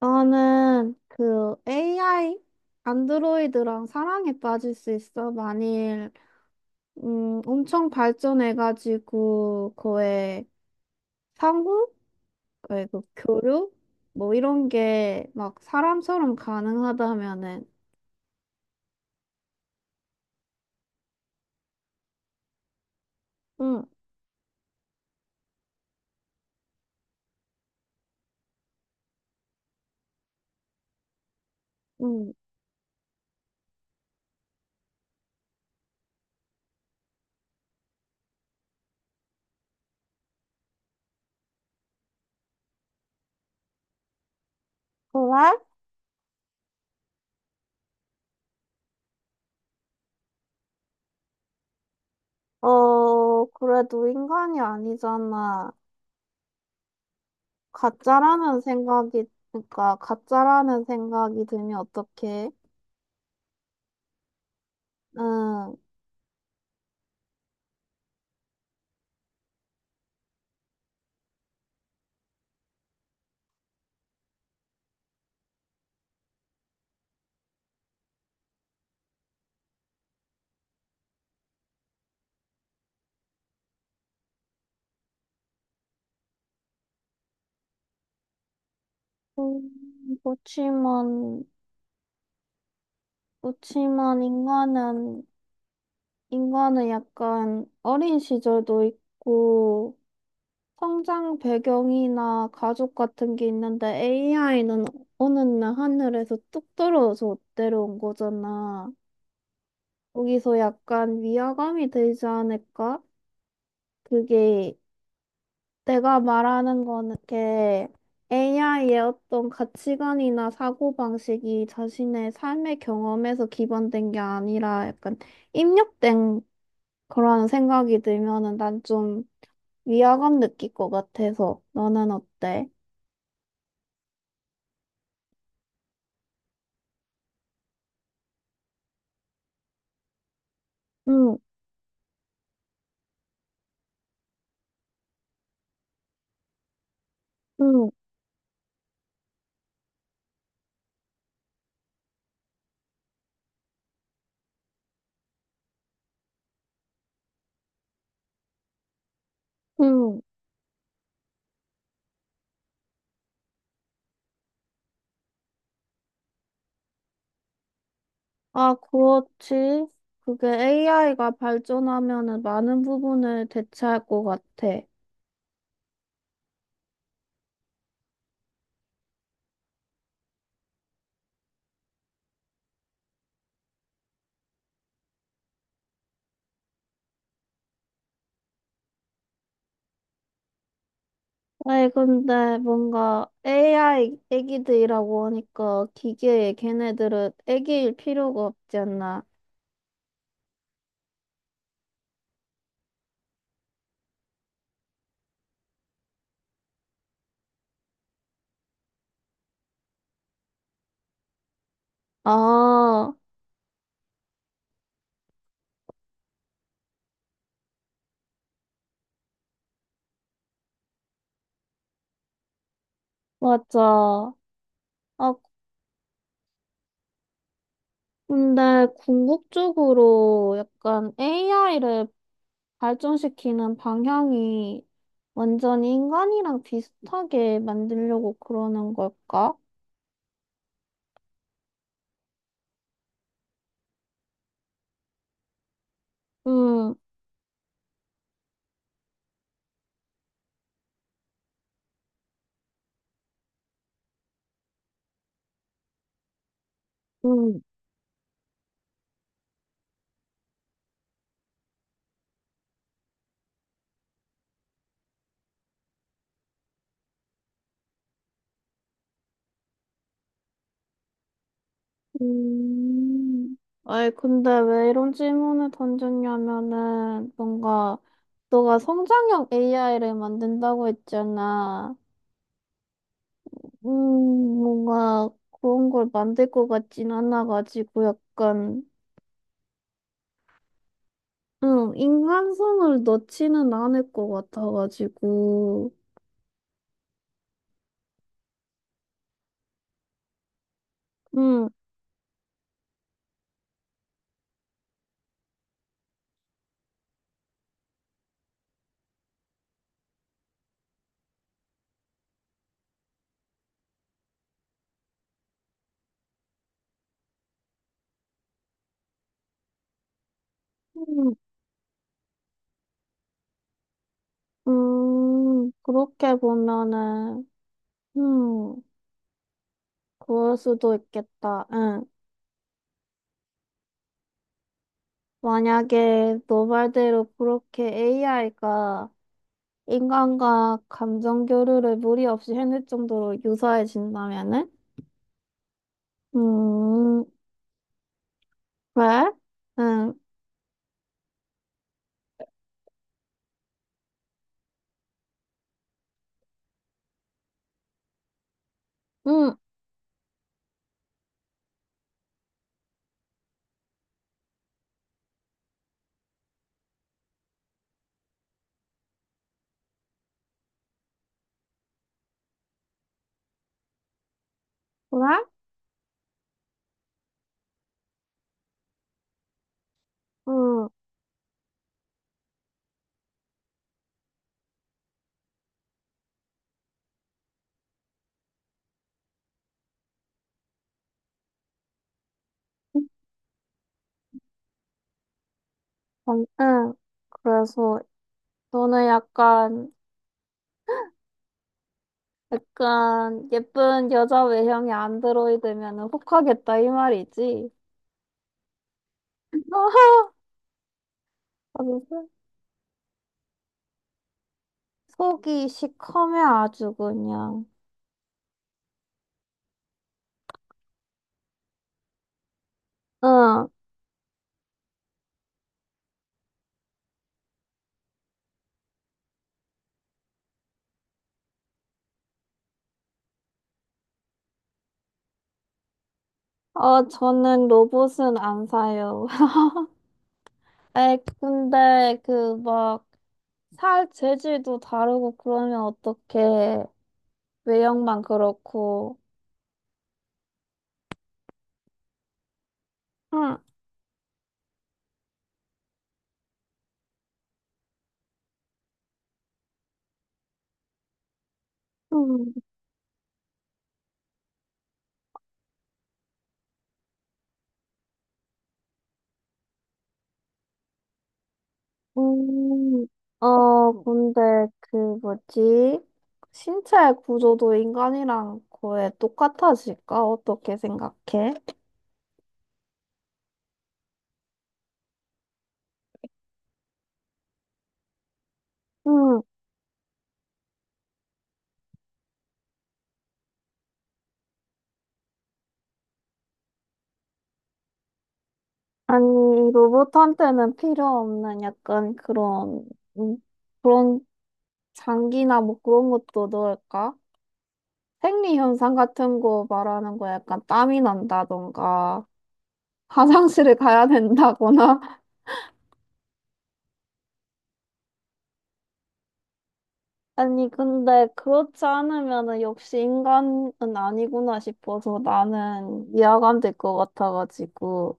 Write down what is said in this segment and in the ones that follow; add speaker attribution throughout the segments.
Speaker 1: 나는 그 AI 안드로이드랑 사랑에 빠질 수 있어. 만일 엄청 발전해가지고 상호, 그의 그 교류 뭐 이런 게 막 사람처럼 가능하다면은. 응, 응. 그래? 어, 그래도 인간이 아니잖아. 가짜라는 생각이 그러니까 가짜라는 생각이 들면 어떡해? 응. 음, 그렇지만. 그렇지만 인간은 약간 어린 시절도 있고 성장 배경이나 가족 같은 게 있는데 AI는 어느 날 하늘에서 뚝 떨어져 내려온 거잖아. 거기서 약간 위화감이 들지 않을까? 그게 내가 말하는 거는 게 AI의 어떤 가치관이나 사고방식이 자신의 삶의 경험에서 기반된 게 아니라 약간 입력된 그런 생각이 들면은 난 좀 위화감 느낄 것 같아서 너는 어때? 응, 응, 응. 아, 그렇지. 그게 AI가 발전하면은 많은 부분을 대체할 것 같아. 아니, 근데 뭔가 AI 애기들이라고 하니까 기계에 걔네들은 애기일 필요가 없지 않나. 아, 맞아. 아, 근데 궁극적으로 약간 AI를 발전시키는 방향이 완전히 인간이랑 비슷하게 만들려고 그러는 걸까? 음, 음, 음. 아이, 근데 왜 이런 질문을 던졌냐면은, 뭔가, 너가 성장형 AI를 만든다고 했잖아. 음, 뭔가, 그런 걸 만들 것 같진 않아가지고, 약간, 인간성을 넣지는 않을 것 같아가지고. 음. 음. 그렇게 보면은, 음, 그럴 수도 있겠다. 응. 만약에 너 말대로 그렇게 AI가 인간과 감정 교류를 무리 없이 해낼 정도로 유사해진다면은? 음, 그래? 응, 응, 그래? 응, 응, 응. 그래서 너는 약간 예쁜 여자 외형의 안드로이드면은 혹하겠다 이 말이지. 아, 무슨 속이 시커매 아주 그냥. 응. 어, 저는 로봇은 안 사요. 근데 그 막 살 재질도 다르고 그러면 어떡해. 외형만 그렇고. 응. 음, 음, 근데 그 뭐지? 신체 구조도 인간이랑 거의 똑같아질까? 어떻게 생각해? 응. 아니, 로봇한테는 필요 없는 약간 음, 그런 장기나 뭐 그런 것도 넣을까? 생리현상 같은 거 말하는 거 약간 땀이 난다던가, 화장실을 가야 된다거나. 아니, 근데 그렇지 않으면은 역시 인간은 아니구나 싶어서 나는 이해감 될 것 같아가지고.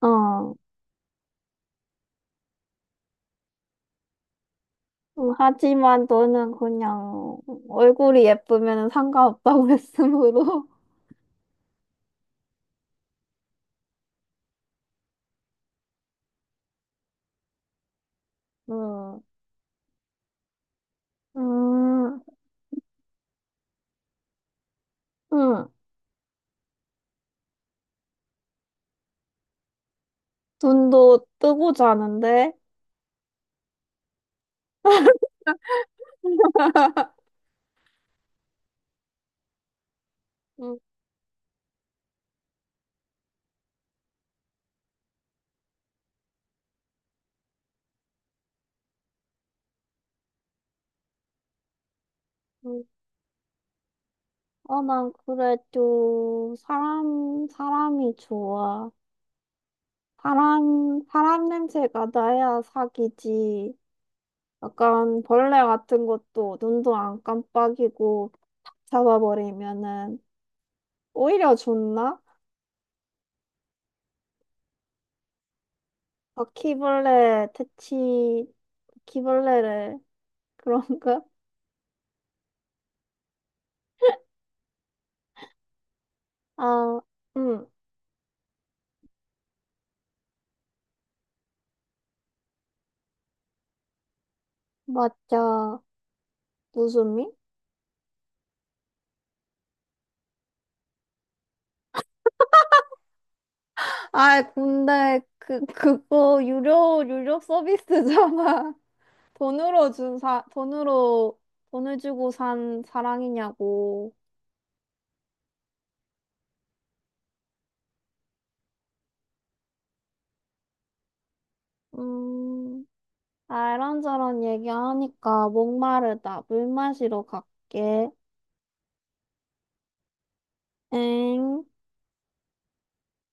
Speaker 1: 어. 하지만 너는 그냥 얼굴이 예쁘면 상관없다고 했으므로. 음. 음, 응. 눈도 뜨고 자는데? 응, 응. 어, 난 그래, 도 사람이 좋아. 사람 냄새가 나야 사귀지. 약간 벌레 같은 것도 눈도 안 깜빡이고 잡아버리면은 오히려 좋나? 바퀴벌레 퇴치, 바퀴벌레를, 그런가? 아, 응, 맞아. 무슨 미? 아, 근데 그거 유료 서비스잖아. 돈으로 돈을 주고 산 사랑이냐고. 음, 아, 이런저런 얘기하니까 목마르다. 물 마시러 갈게. 엥.